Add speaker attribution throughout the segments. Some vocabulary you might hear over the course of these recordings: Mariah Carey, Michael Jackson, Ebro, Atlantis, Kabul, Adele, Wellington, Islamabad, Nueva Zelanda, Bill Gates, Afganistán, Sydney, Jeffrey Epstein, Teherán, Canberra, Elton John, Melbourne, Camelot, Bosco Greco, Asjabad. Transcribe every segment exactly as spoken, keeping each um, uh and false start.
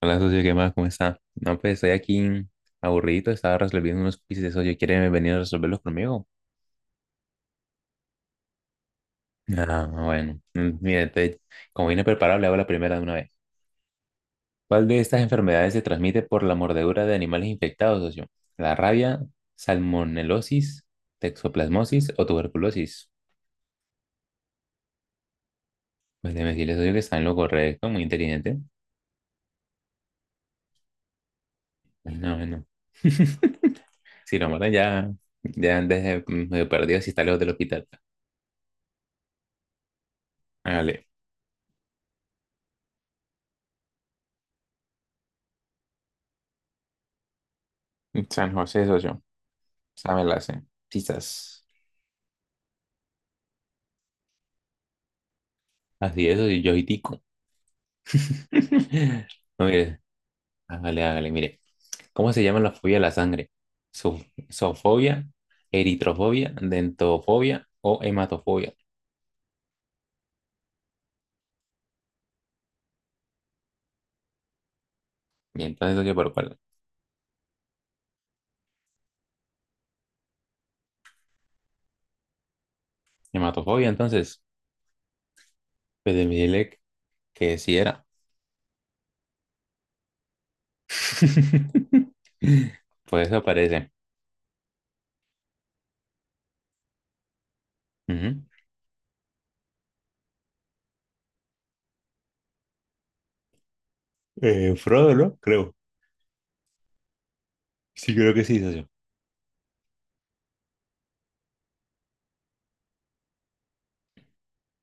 Speaker 1: Hola, socio, ¿qué más? ¿Cómo está? No, pues estoy aquí aburrido, estaba resolviendo unos quizzes, socio, ¿quiere venir a resolverlos conmigo? Ah, bueno, Mm, mire, te- como vine preparado, le hago la primera de una vez. ¿Cuál de estas enfermedades se transmite por la mordedura de animales infectados, socio? ¿La rabia, salmonelosis, toxoplasmosis o tuberculosis? Pues déjeme decirle, socio, que está en lo correcto, muy inteligente. Ay, no, bueno. Si lo matan ya, ya antes de medio perdido si está lejos del hospital. Hágale. San José, socio. Sea, me la sé. Quizás. Así es, soy yo y tico. No, mire, hágale, hágale, mire. ¿Cómo se llama la fobia de la sangre? Zo- ¿Zoofobia, eritrofobia, dentofobia o hematofobia? Y entonces, oye, ¿por cuál? Hematofobia, entonces. Pues de mi dile que sí era. Pues eso parece. Ujú. Eh, Frodo, ¿no? Creo. Sí, creo que sí, socio.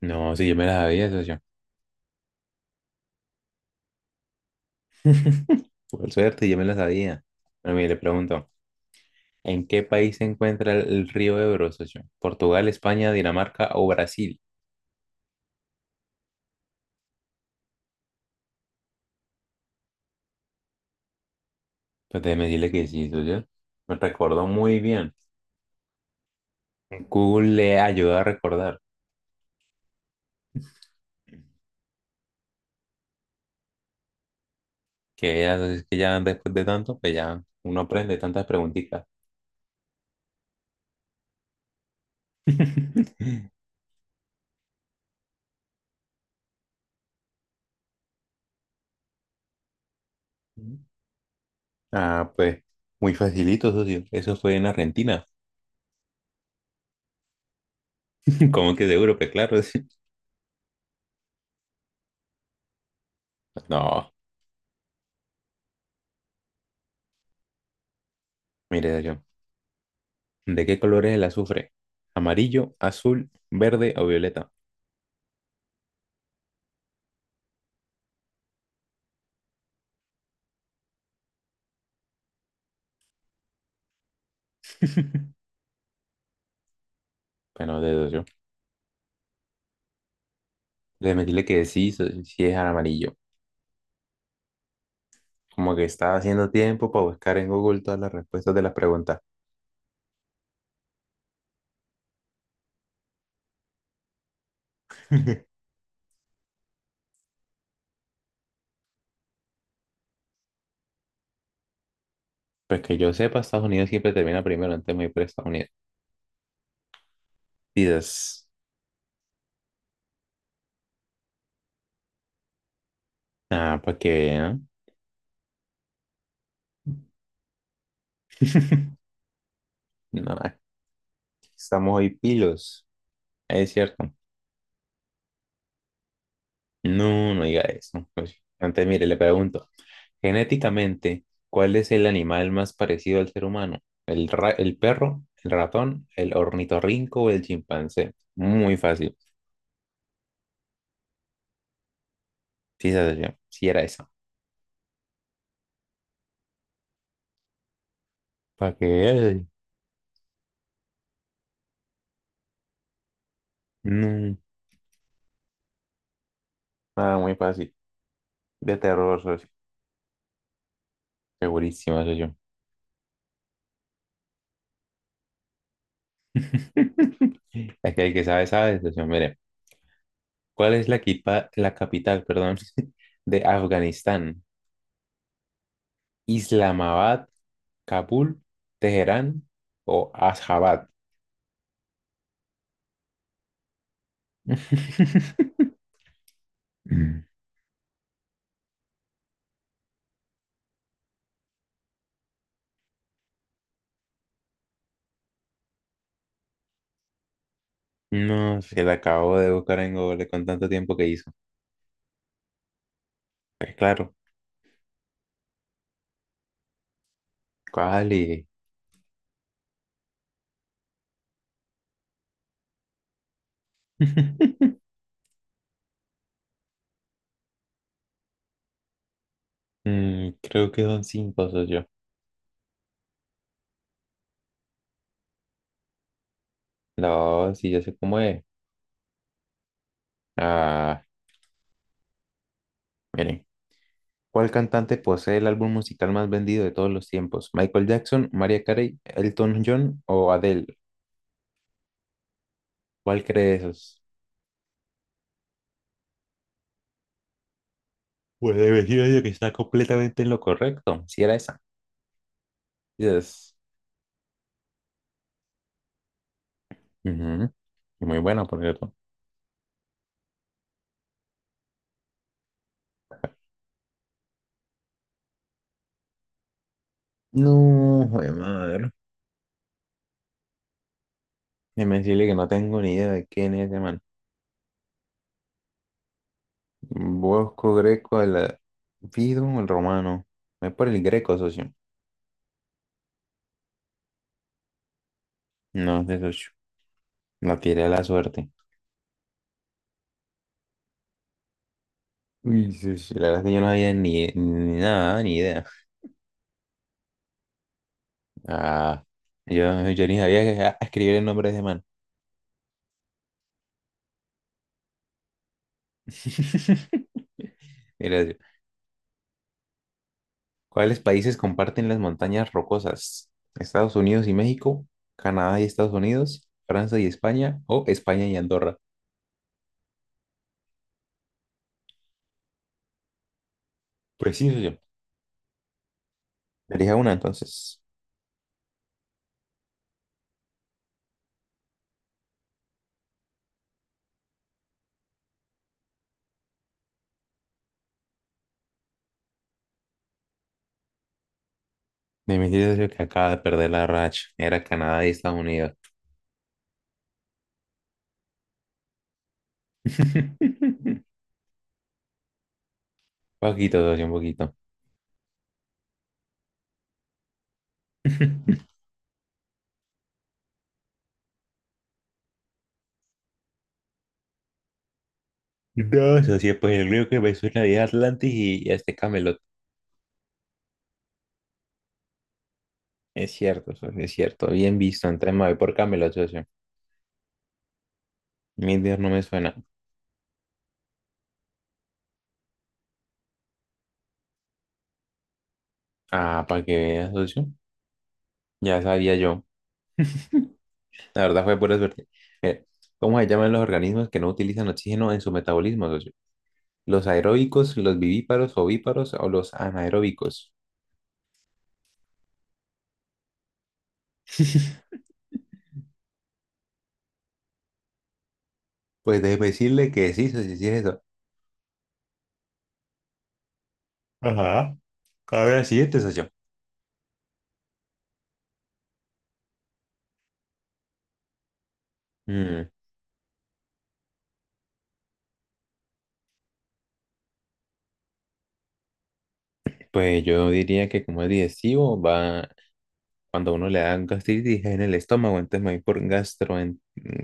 Speaker 1: No, sí, yo me la sabía, socio. Por suerte, yo me la sabía. Bueno, mire, le pregunto. ¿En qué país se encuentra el, el río Ebro, socio? ¿Portugal, España, Dinamarca o Brasil? Pues déjeme decirle que sí, socio. Me recordó muy bien. Google le ayudó a recordar. Que ya, es que ya después de tanto, pues ya uno aprende tantas preguntitas. Ah, pues muy facilito, socio. Eso fue en Argentina. ¿Cómo que seguro? Pues claro. Sí. No, mire, socio. ¿De qué color es el azufre? ¿Amarillo, azul, verde o violeta? Bueno, de socio. Le metí le que sí, so- sí es al amarillo. Como que estaba haciendo tiempo para buscar en Google todas las respuestas de las preguntas. Pues que yo sepa, Estados Unidos siempre termina primero antes de ir por Estados Unidos. Dices, ah, para que vean. No, estamos hoy pilos. Es cierto. No, no diga eso. Pues, antes, mire, le pregunto. Genéticamente, ¿cuál es el animal más parecido al ser humano? ¿El ra- el perro, el ratón, el ornitorrinco o el chimpancé? Muy fácil. Sí, esa soy yo. Sí, era eso. Para que veas. No, nada, muy fácil. De terror, socio. Segurísima, socio. Aquí hay que sabe, sabe, socio. Mire, ¿cuál es la, equipa- la capital, perdón, de Afganistán? ¿Islamabad, Kabul, Teherán o Asjabad? Mm. No, se la acabo de buscar en Google con tanto tiempo que hizo. Pues claro, ¿cuál y- Mm, creo que son cinco, soy yo. No, sí, ya sé cómo es. Ah, miren. ¿Cuál cantante posee el álbum musical más vendido de todos los tiempos? ¿Michael Jackson, Mariah Carey, Elton John o Adele? ¿Cuál cree de esos? Pues elegido yo que está completamente en lo correcto. Si era esa. Yes. Ujú. Y muy buena, por cierto. No, joder, madre. Déjeme decirle que no tengo ni idea de quién es ese man. Bosco Greco, el eh, Fido, el romano. Voy por el Greco, socio. No, de socio. La tiré a la suerte. Uy, sí, sí, la verdad es que yo no había ni, ni nada, ni idea. Ah, yo, yo ni sabía que- ah, escribir el nombre de ese man. Mira, yo, ¿cuáles países comparten las montañas rocosas? ¿Estados Unidos y México? ¿Canadá y Estados Unidos? ¿Francia y España? ¿O España y Andorra? Preciso yo. Elija una entonces. Me mentira yo que acaba de perder la racha. Era Canadá y Estados Unidos. Poquito, socio, un poquito. No, socio, pues el único que me suena es Atlantis y, y este Camelot. Es cierto, socio, es cierto. Bien visto, entonces me voy por Camelot, socio. Mi Dios no me suena. Ah, para que veas, socio. Ya sabía yo. La verdad fue pura suerte. Mire, ¿cómo se llaman los organismos que no utilizan oxígeno en su metabolismo, socio? ¿Los aeróbicos, los vivíparos, ovíparos o los anaeróbicos? Pues déjeme decirle que sí, socio, sí es eso. Ajá. A ver, siguiente, socio. Mm, pues yo diría que como es digestivo, va cuando uno le da gastritis en el estómago, entonces me voy por gastro,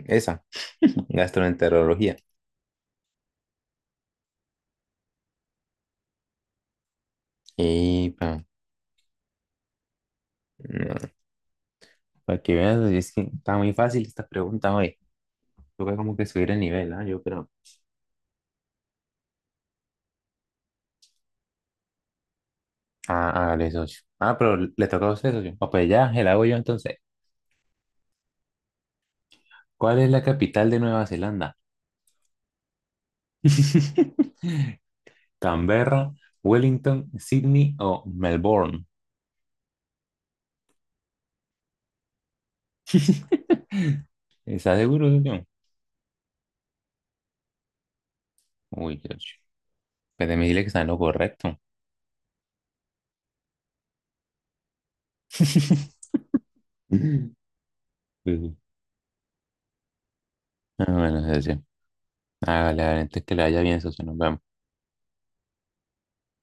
Speaker 1: esa, gastroenterología. Y pa, no, para que veas, es que está muy fácil esta pregunta hoy. Toca como que subir el nivel, ¿ah? Yo creo. Ah, ah, socio. Ah, pero le toca a usted, socio. Ah, pues ya, el hago yo entonces. ¿Cuál es la capital de Nueva Zelanda? ¿Canberra, Wellington, Sydney o Melbourne? ¿Está seguro, socio? Uy, socio. Pues me dile que está en lo correcto. Pues, sí. Más o menos. Hágale, hágale, antes que le vaya bien, socio, nos vemos.